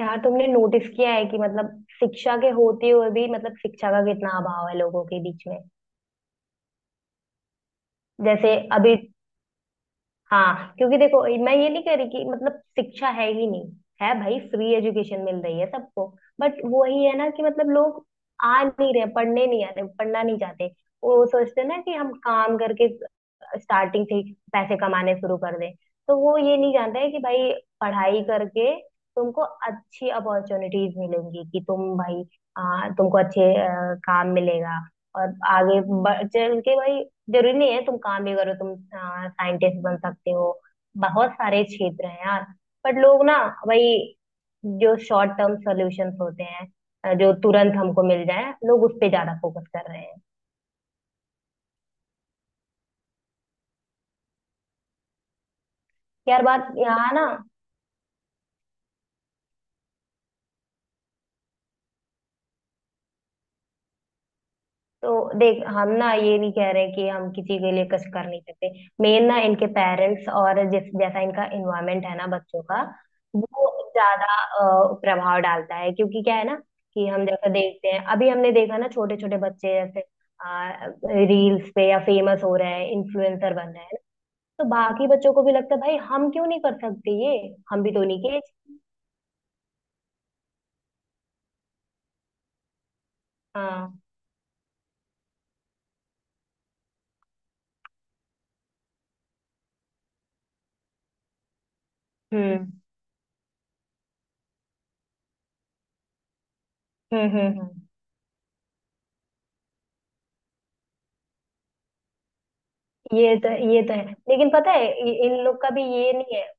यार तुमने नोटिस किया है कि शिक्षा के होते हुए भी शिक्षा का कितना अभाव है लोगों के बीच में। जैसे अभी हाँ, क्योंकि देखो मैं ये नहीं कह रही कि शिक्षा है ही नहीं। है भाई, फ्री एजुकेशन मिल रही है सबको। बट वही है ना कि लोग आ नहीं रहे, पढ़ने नहीं आ रहे, पढ़ना नहीं चाहते। वो सोचते हैं ना कि हम काम करके स्टार्टिंग से ही पैसे कमाने शुरू कर दें। तो वो ये नहीं जानते हैं कि भाई पढ़ाई करके तुमको अच्छी अपॉर्चुनिटीज मिलेंगी, कि तुम भाई तुमको अच्छे काम मिलेगा और आगे चल के भाई, जरूरी नहीं है तुम काम भी करो, तुम साइंटिस्ट बन सकते हो। बहुत सारे क्षेत्र हैं यार। बट लोग ना भाई जो शॉर्ट टर्म सॉल्यूशंस होते हैं, जो तुरंत हमको मिल जाए, लोग उस पे ज्यादा फोकस कर रहे हैं। यार बात यहाँ ना, तो देख हम ना ये नहीं कह रहे कि हम किसी के लिए कुछ कर नहीं सकते। मेन ना इनके पेरेंट्स और जिस जैसा इनका इन्वायरमेंट है ना बच्चों का, वो ज्यादा प्रभाव डालता है। क्योंकि क्या है ना कि हम जैसा देखते हैं, अभी हमने देखा ना छोटे छोटे बच्चे जैसे रील्स पे या फेमस हो रहे हैं, इन्फ्लुएंसर बन रहे हैं। तो बाकी बच्चों को भी लगता है भाई हम क्यों नहीं कर सकते ये, हम भी तो उन्हीं के। हाँ, हम्म हम्म। ये तो है, लेकिन पता है इन लोग का भी ये नहीं है।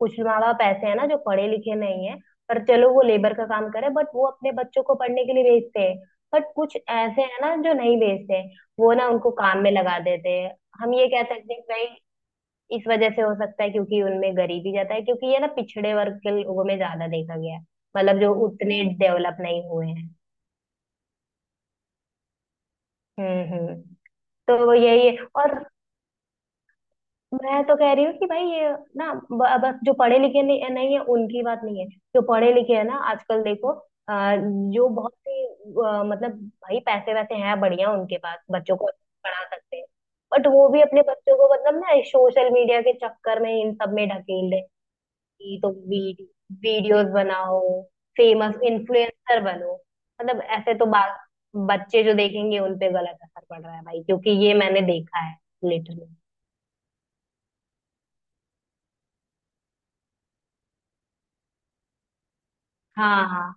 कुछ माँ बाप ऐसे हैं ना जो पढ़े लिखे नहीं है, पर चलो वो लेबर का काम करे बट वो अपने बच्चों को पढ़ने के लिए भेजते हैं। बट कुछ ऐसे हैं ना जो नहीं भेजते हैं, वो ना उनको काम में लगा देते हैं। हम ये कह सकते हैं कि भाई इस वजह से हो सकता है, क्योंकि उनमें गरीबी ज्यादा है, क्योंकि ये ना पिछड़े वर्ग के लोगों में ज्यादा देखा गया है। जो उतने डेवलप नहीं हुए हैं। हम्म। तो वो यही है। और मैं तो कह रही हूँ कि भाई ये ना बस जो पढ़े लिखे नहीं है उनकी बात नहीं है। जो पढ़े लिखे है ना आजकल देखो, अ, जो बहुत ही भाई पैसे वैसे हैं बढ़िया उनके पास, बच्चों को पढ़ा सकते हैं। बट वो भी अपने बच्चों को ना सोशल मीडिया के चक्कर में इन सब में ढकेल रहे हैं कि तो वीडियोस बनाओ, फेमस इन्फ्लुएंसर बनो। ऐसे तो बच्चे जो देखेंगे उन पे गलत असर पड़ रहा है भाई, क्योंकि ये मैंने देखा है। लिटरली। हाँ,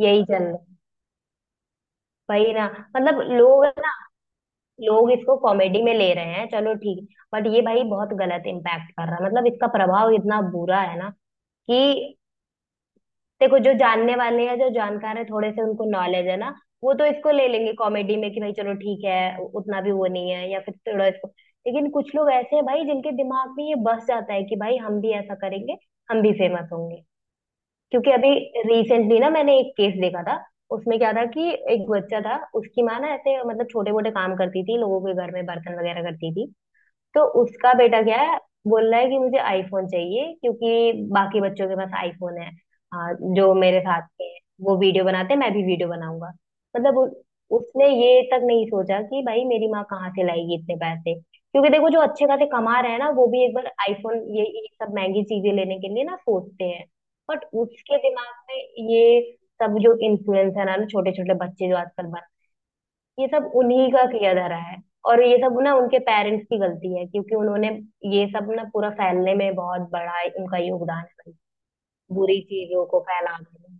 यही चल रहा है। वही ना। लोग ना, लोग इसको कॉमेडी में ले रहे हैं, चलो ठीक। बट ये भाई बहुत गलत इम्पैक्ट कर रहा है, इसका प्रभाव इतना बुरा है ना कि देखो, जो जानने वाले हैं, जो जानकार है, थोड़े से उनको नॉलेज है ना, वो तो इसको ले लेंगे कॉमेडी में कि भाई चलो ठीक है, उतना भी वो नहीं है या फिर थोड़ा इसको। लेकिन कुछ लोग ऐसे हैं भाई जिनके दिमाग में ये बस जाता है कि भाई हम भी ऐसा करेंगे, हम भी फेमस होंगे। क्योंकि अभी रिसेंटली ना मैंने एक केस देखा था। उसमें क्या था कि एक बच्चा था, उसकी माँ ना ऐसे छोटे मोटे काम करती थी, लोगों के घर में बर्तन वगैरह करती थी। तो उसका बेटा क्या है, बोल रहा है कि मुझे आईफोन चाहिए क्योंकि बाकी बच्चों के पास आईफोन है। हाँ, जो मेरे साथ के हैं वो वीडियो बनाते हैं, मैं भी वीडियो बनाऊंगा। मतलब उ- उसने ये तक नहीं सोचा कि भाई मेरी माँ कहाँ से लाएगी इतने पैसे, क्योंकि देखो जो अच्छे खासे कमा रहे हैं ना वो भी एक बार आईफोन ये सब महंगी चीजें लेने के लिए ना सोचते हैं। बट उसके दिमाग में ये सब जो इन्फ्लुएंसर है ना, छोटे छोटे बच्चे जो आजकल बन, ये सब उन्हीं का किया धरा है। और ये सब ना उनके पेरेंट्स की गलती है, क्योंकि उन्होंने ये सब ना पूरा फैलने में बहुत बड़ा उनका योगदान है। बुरी चीजों को फैला देना।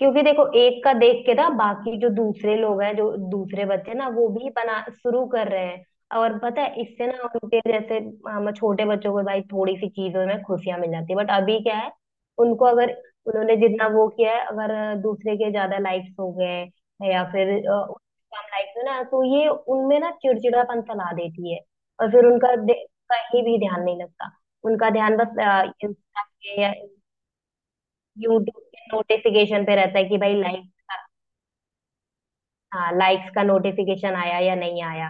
क्योंकि देखो एक का देख के ना बाकी जो दूसरे लोग हैं, जो दूसरे बच्चे ना वो भी बना शुरू कर रहे हैं। और पता है इससे ना उनके जैसे हम, छोटे बच्चों को भाई थोड़ी सी चीजों में खुशियां मिल जाती है, बट अभी क्या है, उनको अगर उन्होंने जितना वो किया है, अगर दूसरे के ज्यादा लाइक्स हो गए या फिर उनके कम लाइक्स हो ना, तो ये उनमें ना चिड़चिड़ापन फैला देती है। और फिर उनका कहीं भी ध्यान नहीं लगता, उनका ध्यान बस यूट्यूब के नोटिफिकेशन पे रहता है कि भाई लाइक, हाँ लाइक्स का नोटिफिकेशन आया या नहीं आया,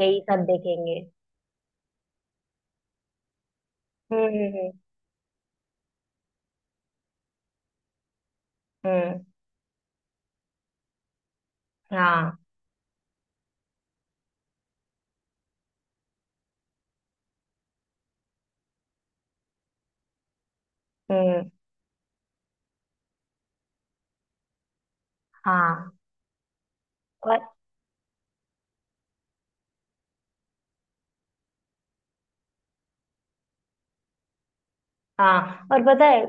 यही सब देखेंगे। हम्म हम्म हम्म हम्म, हाँ हम्म हाँ और हाँ। और पता है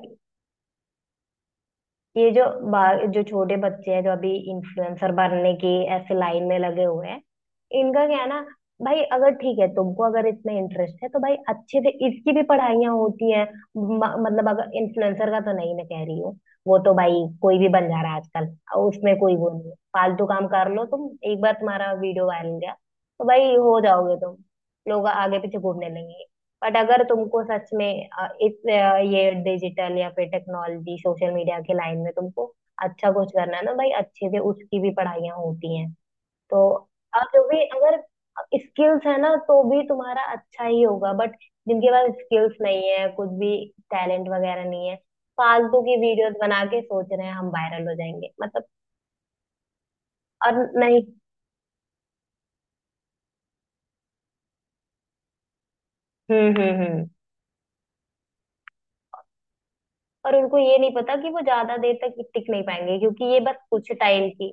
ये जो जो छोटे बच्चे हैं जो अभी इन्फ्लुएंसर बनने की ऐसे लाइन में लगे हुए हैं, इनका क्या है ना भाई, अगर ठीक है तुमको अगर इसमें इंटरेस्ट है तो भाई अच्छे से इसकी भी पढ़ाइयाँ होती हैं। अगर इन्फ्लुएंसर का तो नहीं मैं कह रही हूँ, वो तो भाई कोई भी बन जा रहा है आजकल, और उसमें कोई वो नहीं है, फालतू काम कर लो तुम, एक बार तुम्हारा वीडियो वायरल गया तो भाई हो जाओगे तुम, लोग आगे पीछे घूमने लगेंगे। बट अगर तुमको सच में इस ये डिजिटल या फिर टेक्नोलॉजी सोशल मीडिया के लाइन में तुमको अच्छा कुछ करना है ना भाई, अच्छे से उसकी भी पढ़ाइयाँ होती हैं। तो अब जो भी अगर स्किल्स है ना तो भी तुम्हारा अच्छा ही होगा। बट जिनके पास स्किल्स नहीं है कुछ भी, टैलेंट वगैरह नहीं है, फालतू की वीडियोस बना के सोच रहे हैं हम वायरल हो जाएंगे, मतलब। और नहीं। हम्म। और उनको ये नहीं पता कि वो ज्यादा देर तक टिक नहीं पाएंगे, क्योंकि ये बस कुछ टाइम की,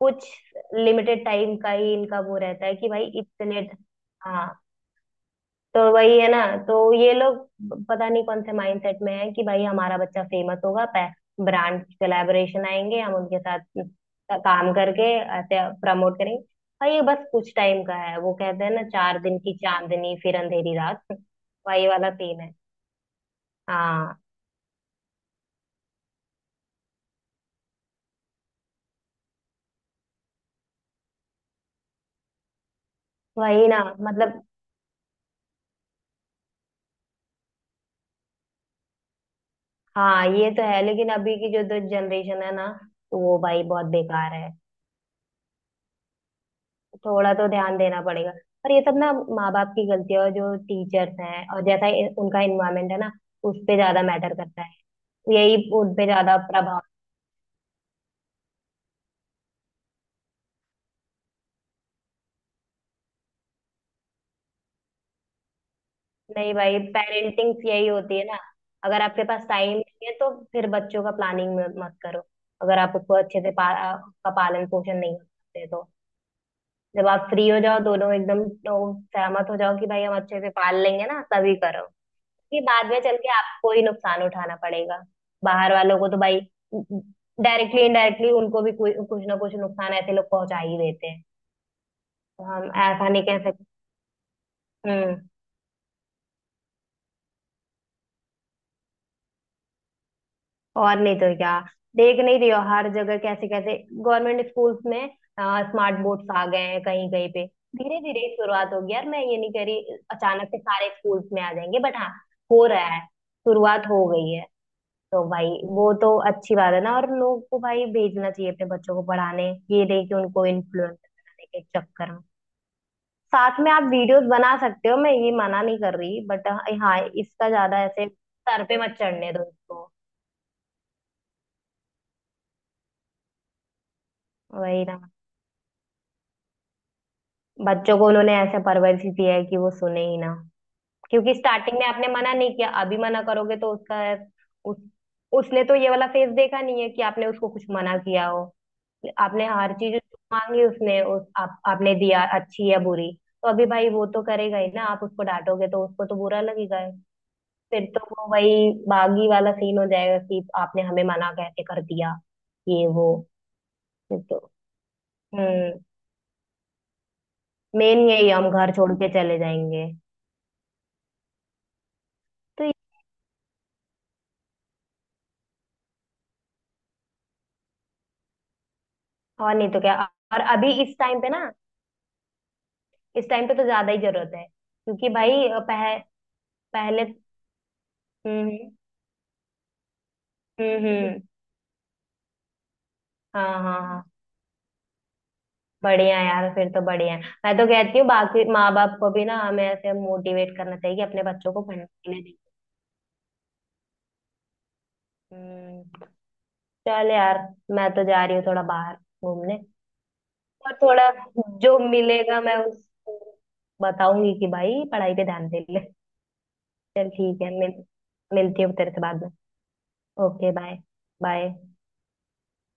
कुछ लिमिटेड टाइम का ही इनका वो रहता है कि भाई इतने, हाँ। तो वही है ना। तो ये लोग पता नहीं कौन से माइंडसेट में है कि भाई हमारा बच्चा फेमस होगा, ब्रांड कोलैबोरेशन आएंगे, हम उनके साथ काम करके ऐसे प्रमोट करेंगे। भाई ये बस कुछ टाइम का है, वो कहते हैं ना, चार दिन की चांदनी फिर अंधेरी रात। वही वाला सीन है। हाँ वही ना। मतलब, हाँ ये तो है। लेकिन अभी की जो जनरेशन है ना, तो वो भाई बहुत बेकार है। थोड़ा तो ध्यान देना पड़ेगा। और ये सब ना माँ बाप की गलती है, और जो टीचर्स हैं, और जैसा उनका इन्वायरमेंट है ना, उस पे ज्यादा मैटर करता है। यही उन पे ज्यादा प्रभाव। नहीं भाई, पेरेंटिंग यही होती है ना, अगर आपके पास टाइम नहीं है तो फिर बच्चों का प्लानिंग मत करो। अगर आप उसको अच्छे से उसका पालन पोषण नहीं कर सकते तो जब आप फ्री हो जाओ दोनों एकदम, तो सहमत हो जाओ कि भाई हम अच्छे से पाल लेंगे ना, तभी करो। ये बाद में चल के आपको ही नुकसान उठाना पड़ेगा। बाहर वालों को तो भाई डायरेक्टली इनडायरेक्टली उनको भी कोई कुछ ना कुछ नुकसान ऐसे लोग पहुंचा ही देते हैं। तो हम ऐसा नहीं कह सकते। हम्म। और नहीं तो क्या, देख नहीं रही हो हर जगह कैसे कैसे गवर्नमेंट स्कूल्स में स्मार्ट बोर्ड्स आ गए हैं, कहीं कहीं पे धीरे धीरे ही शुरुआत होगी यार, मैं ये नहीं कह रही अचानक से सारे स्कूल्स में आ जाएंगे, बट हाँ हो रहा है, शुरुआत हो गई है। तो भाई वो तो अच्छी बात है ना, और लोग को भाई भेजना चाहिए अपने बच्चों को पढ़ाने। ये नहीं कि उनको इन्फ्लुएंस बनाने के चक्कर में, साथ में आप वीडियोस बना सकते हो, मैं ये मना नहीं कर रही, बट हाँ इसका ज्यादा ऐसे सर पे मत चढ़ने दो इसको। वही ना, बच्चों को उन्होंने ऐसे परवरिश ही दी है कि वो सुने ही ना। क्योंकि स्टार्टिंग में आपने मना नहीं किया, अभी मना करोगे तो उसका उस, उसने तो ये वाला फेस देखा नहीं है कि आपने उसको कुछ मना किया हो। आपने हर चीज उसको मांगी उसने, उस आप आपने दिया अच्छी या बुरी। तो अभी भाई वो तो करेगा ही ना, आप उसको डांटोगे तो उसको तो बुरा लगेगा ही। फिर तो वो वही बागी वाला सीन हो जाएगा कि आपने हमें मना कैसे कर दिया, ये वो, फिर तो हम्म, मेन यही, हम घर छोड़ के चले जाएंगे। तो ये- और नहीं तो क्या। और अभी इस टाइम पे ना, इस टाइम पे तो ज्यादा ही जरूरत है, क्योंकि भाई पहले। हम्म हम्म। हाँ हाँ हाँ, बढ़िया है यार, फिर तो बढ़िया है। मैं तो कहती हूँ बाकी माँ बाप को भी ना हमें ऐसे मोटिवेट करना चाहिए कि अपने बच्चों को पढ़ने के लिए दें। हम्म। चल यार, मैं तो जा रही हूँ थोड़ा बाहर घूमने। और थोड़ा जो मिलेगा मैं उसको बताऊंगी कि भाई पढ़ाई पे ध्यान दे ले। चल ठीक है, मिल, मिलती हूँ तेरे से बाद में। Okay bye. बाय।